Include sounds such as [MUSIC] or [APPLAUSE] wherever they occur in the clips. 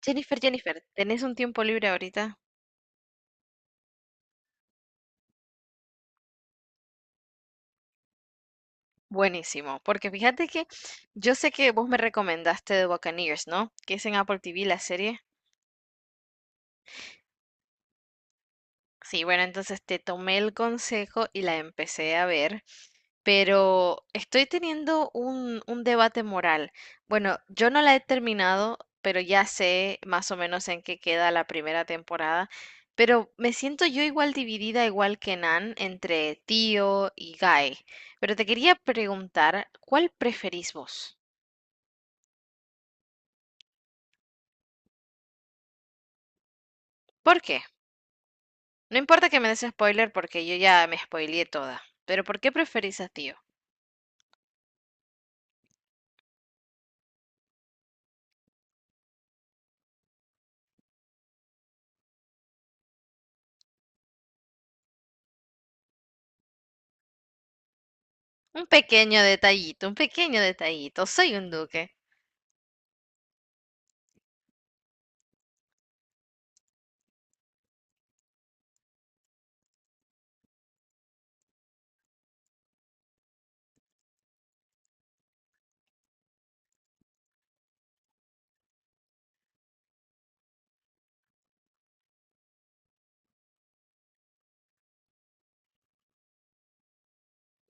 Jennifer, Jennifer, ¿tenés un tiempo libre ahorita? Buenísimo, porque fíjate que yo sé que vos me recomendaste The Buccaneers, ¿no? Que es en Apple TV la serie. Sí, bueno, entonces te tomé el consejo y la empecé a ver, pero estoy teniendo un debate moral. Bueno, yo no la he terminado, pero ya sé más o menos en qué queda la primera temporada, pero me siento yo igual dividida, igual que Nan, entre Tío y Guy. Pero te quería preguntar, ¿cuál preferís vos? ¿Por qué? No importa que me des spoiler porque yo ya me spoileé toda, pero ¿por qué preferís a Tío? Un pequeño detallito, un pequeño detallito. Soy un duque.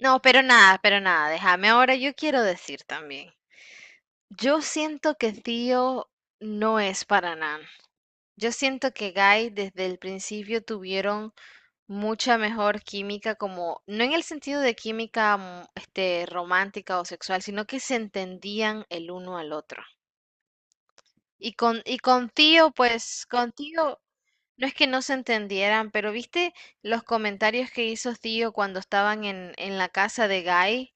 No, pero nada, pero nada. Déjame ahora, yo quiero decir también. Yo siento que Tío no es para Nan. Yo siento que Guy desde el principio tuvieron mucha mejor química, como, no en el sentido de química romántica o sexual, sino que se entendían el uno al otro. Y con Tío, pues, con Tío, no es que no se entendieran, pero viste los comentarios que hizo Tío cuando estaban en la casa de Guy.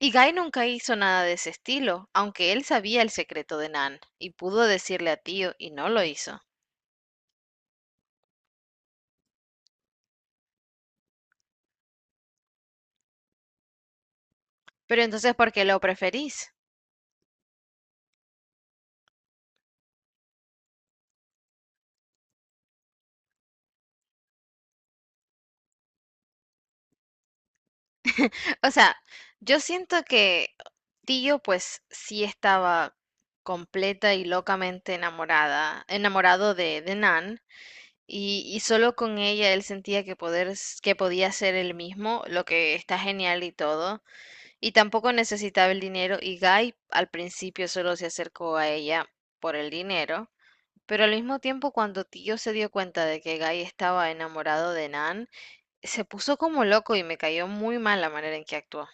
Y Guy nunca hizo nada de ese estilo, aunque él sabía el secreto de Nan y pudo decirle a Tío y no lo hizo. Pero entonces, ¿por qué lo preferís? O sea, yo siento que Tío pues sí estaba completa y locamente enamorada, enamorado de Nan, y solo con ella él sentía que podía ser él mismo, lo que está genial y todo. Y tampoco necesitaba el dinero. Y Guy al principio solo se acercó a ella por el dinero. Pero al mismo tiempo, cuando Tío se dio cuenta de que Guy estaba enamorado de Nan, se puso como loco y me cayó muy mal la manera en que actuó.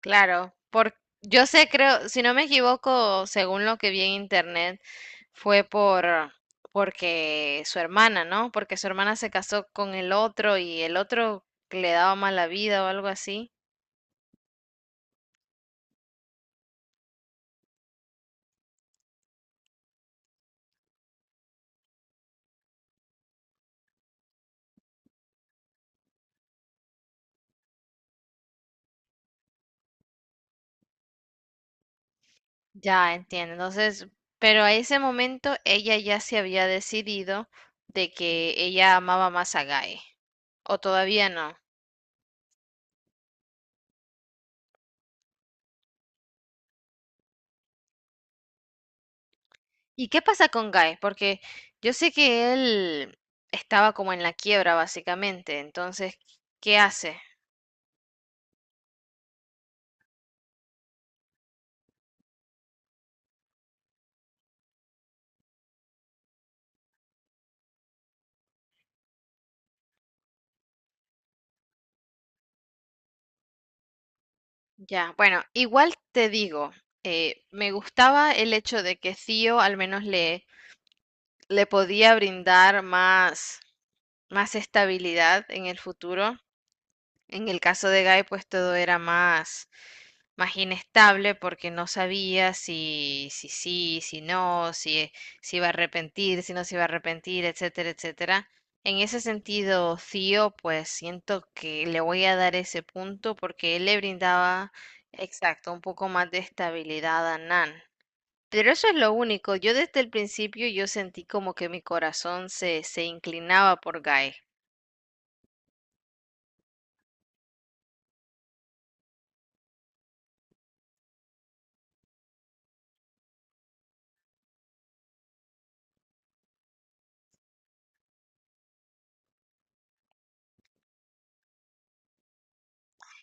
Claro, por, yo sé, creo, si no me equivoco, según lo que vi en internet, fue por porque su hermana, ¿no? Porque su hermana se casó con el otro y el otro le daba mala vida o algo así. Ya entiendo. Entonces, pero a ese momento ella ya se había decidido de que ella amaba más a Guy. ¿O todavía no? ¿Y qué pasa con Guy? Porque yo sé que él estaba como en la quiebra, básicamente. Entonces, ¿qué hace? Ya, bueno, igual te digo, me gustaba el hecho de que Theo al menos le, le podía brindar más, más estabilidad en el futuro. En el caso de Guy, pues todo era más, más inestable porque no sabía si, si sí, si no, si, si iba a arrepentir, si no se iba a arrepentir, etcétera, etcétera. En ese sentido, Theo, pues siento que le voy a dar ese punto porque él le brindaba, exacto, un poco más de estabilidad a Nan. Pero eso es lo único. Yo desde el principio yo sentí como que mi corazón se, se inclinaba por Guy.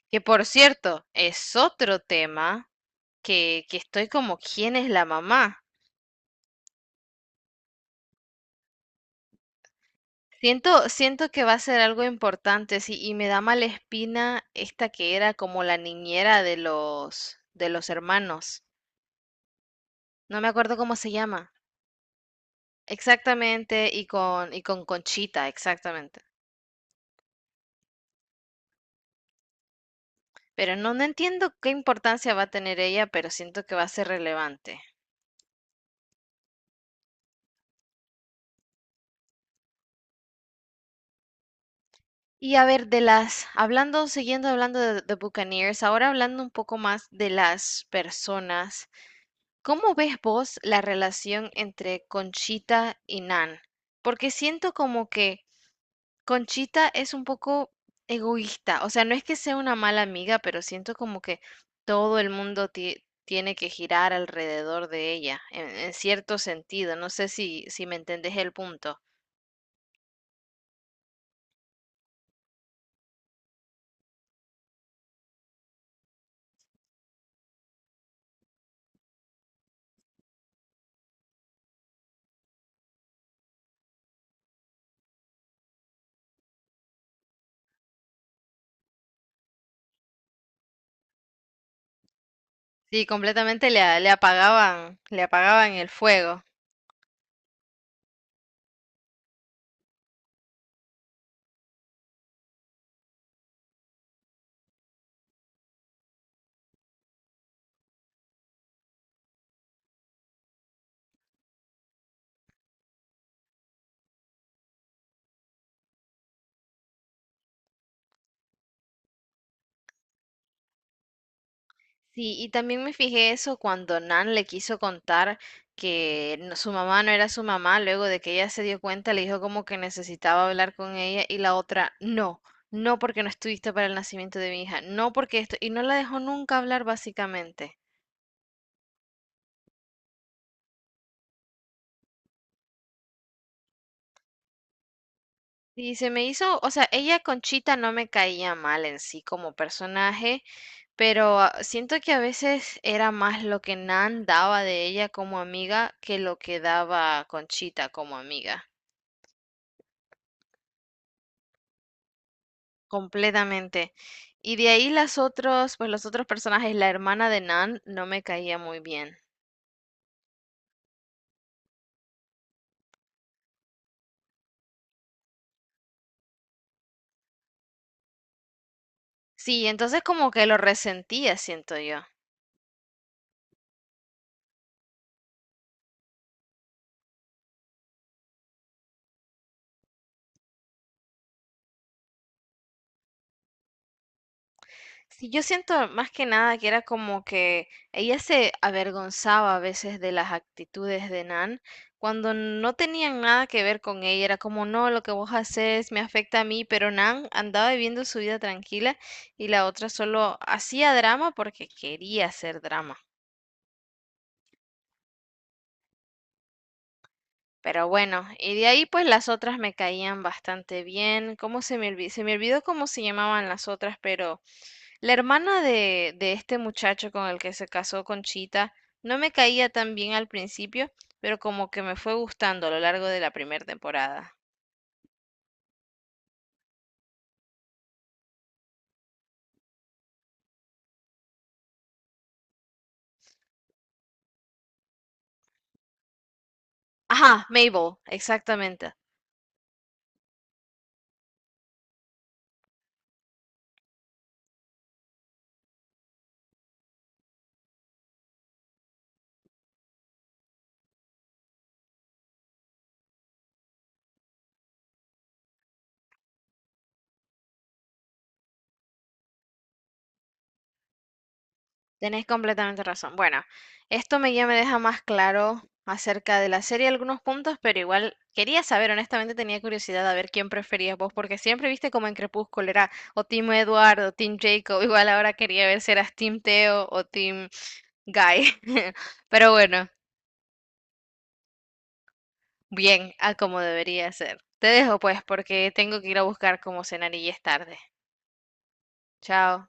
Que por cierto, es otro tema que estoy como, ¿quién es la mamá? Siento, siento que va a ser algo importante, sí, y me da mala espina esta que era como la niñera de los hermanos. No me acuerdo cómo se llama. Exactamente, y con Conchita, exactamente. Pero no, no entiendo qué importancia va a tener ella, pero siento que va a ser relevante. Y a ver, de las, hablando, siguiendo hablando de Buccaneers, ahora hablando un poco más de las personas. ¿Cómo ves vos la relación entre Conchita y Nan? Porque siento como que Conchita es un poco egoísta, o sea, no es que sea una mala amiga, pero siento como que todo el mundo tiene que girar alrededor de ella, en cierto sentido, no sé si, si me entendés el punto. Sí, completamente le, le apagaban el fuego. Sí, y también me fijé eso cuando Nan le quiso contar que su mamá no era su mamá, luego de que ella se dio cuenta, le dijo como que necesitaba hablar con ella y la otra, no, no porque no estuviste para el nacimiento de mi hija, no porque esto, y no la dejó nunca hablar básicamente. Y se me hizo, o sea, ella Conchita no me caía mal en sí como personaje, pero siento que a veces era más lo que Nan daba de ella como amiga que lo que daba Conchita como amiga. Completamente. Y de ahí las otros, pues los otros personajes, la hermana de Nan no me caía muy bien. Sí, entonces como que lo resentía, siento yo. Sí, yo siento más que nada que era como que ella se avergonzaba a veces de las actitudes de Nan cuando no tenían nada que ver con ella. Era como, no, lo que vos haces me afecta a mí, pero Nan andaba viviendo su vida tranquila y la otra solo hacía drama porque quería hacer drama. Pero bueno, y de ahí pues las otras me caían bastante bien. ¿Cómo se me olvidó? Se me olvidó cómo se llamaban las otras, pero la hermana de este muchacho con el que se casó Conchita no me caía tan bien al principio, pero como que me fue gustando a lo largo de la primera temporada. Ajá, Mabel, exactamente. Tenés completamente razón. Bueno, esto me, ya me deja más claro acerca de la serie algunos puntos, pero igual quería saber, honestamente tenía curiosidad a ver quién preferías vos, porque siempre viste como en Crepúsculo era o Team Eduardo, Team Jacob, [LAUGHS] igual ahora quería ver si eras Team Theo o Team Guy. [LAUGHS] Pero bueno, bien, a como debería ser. Te dejo pues, porque tengo que ir a buscar cómo cenar y ya es tarde. Chao.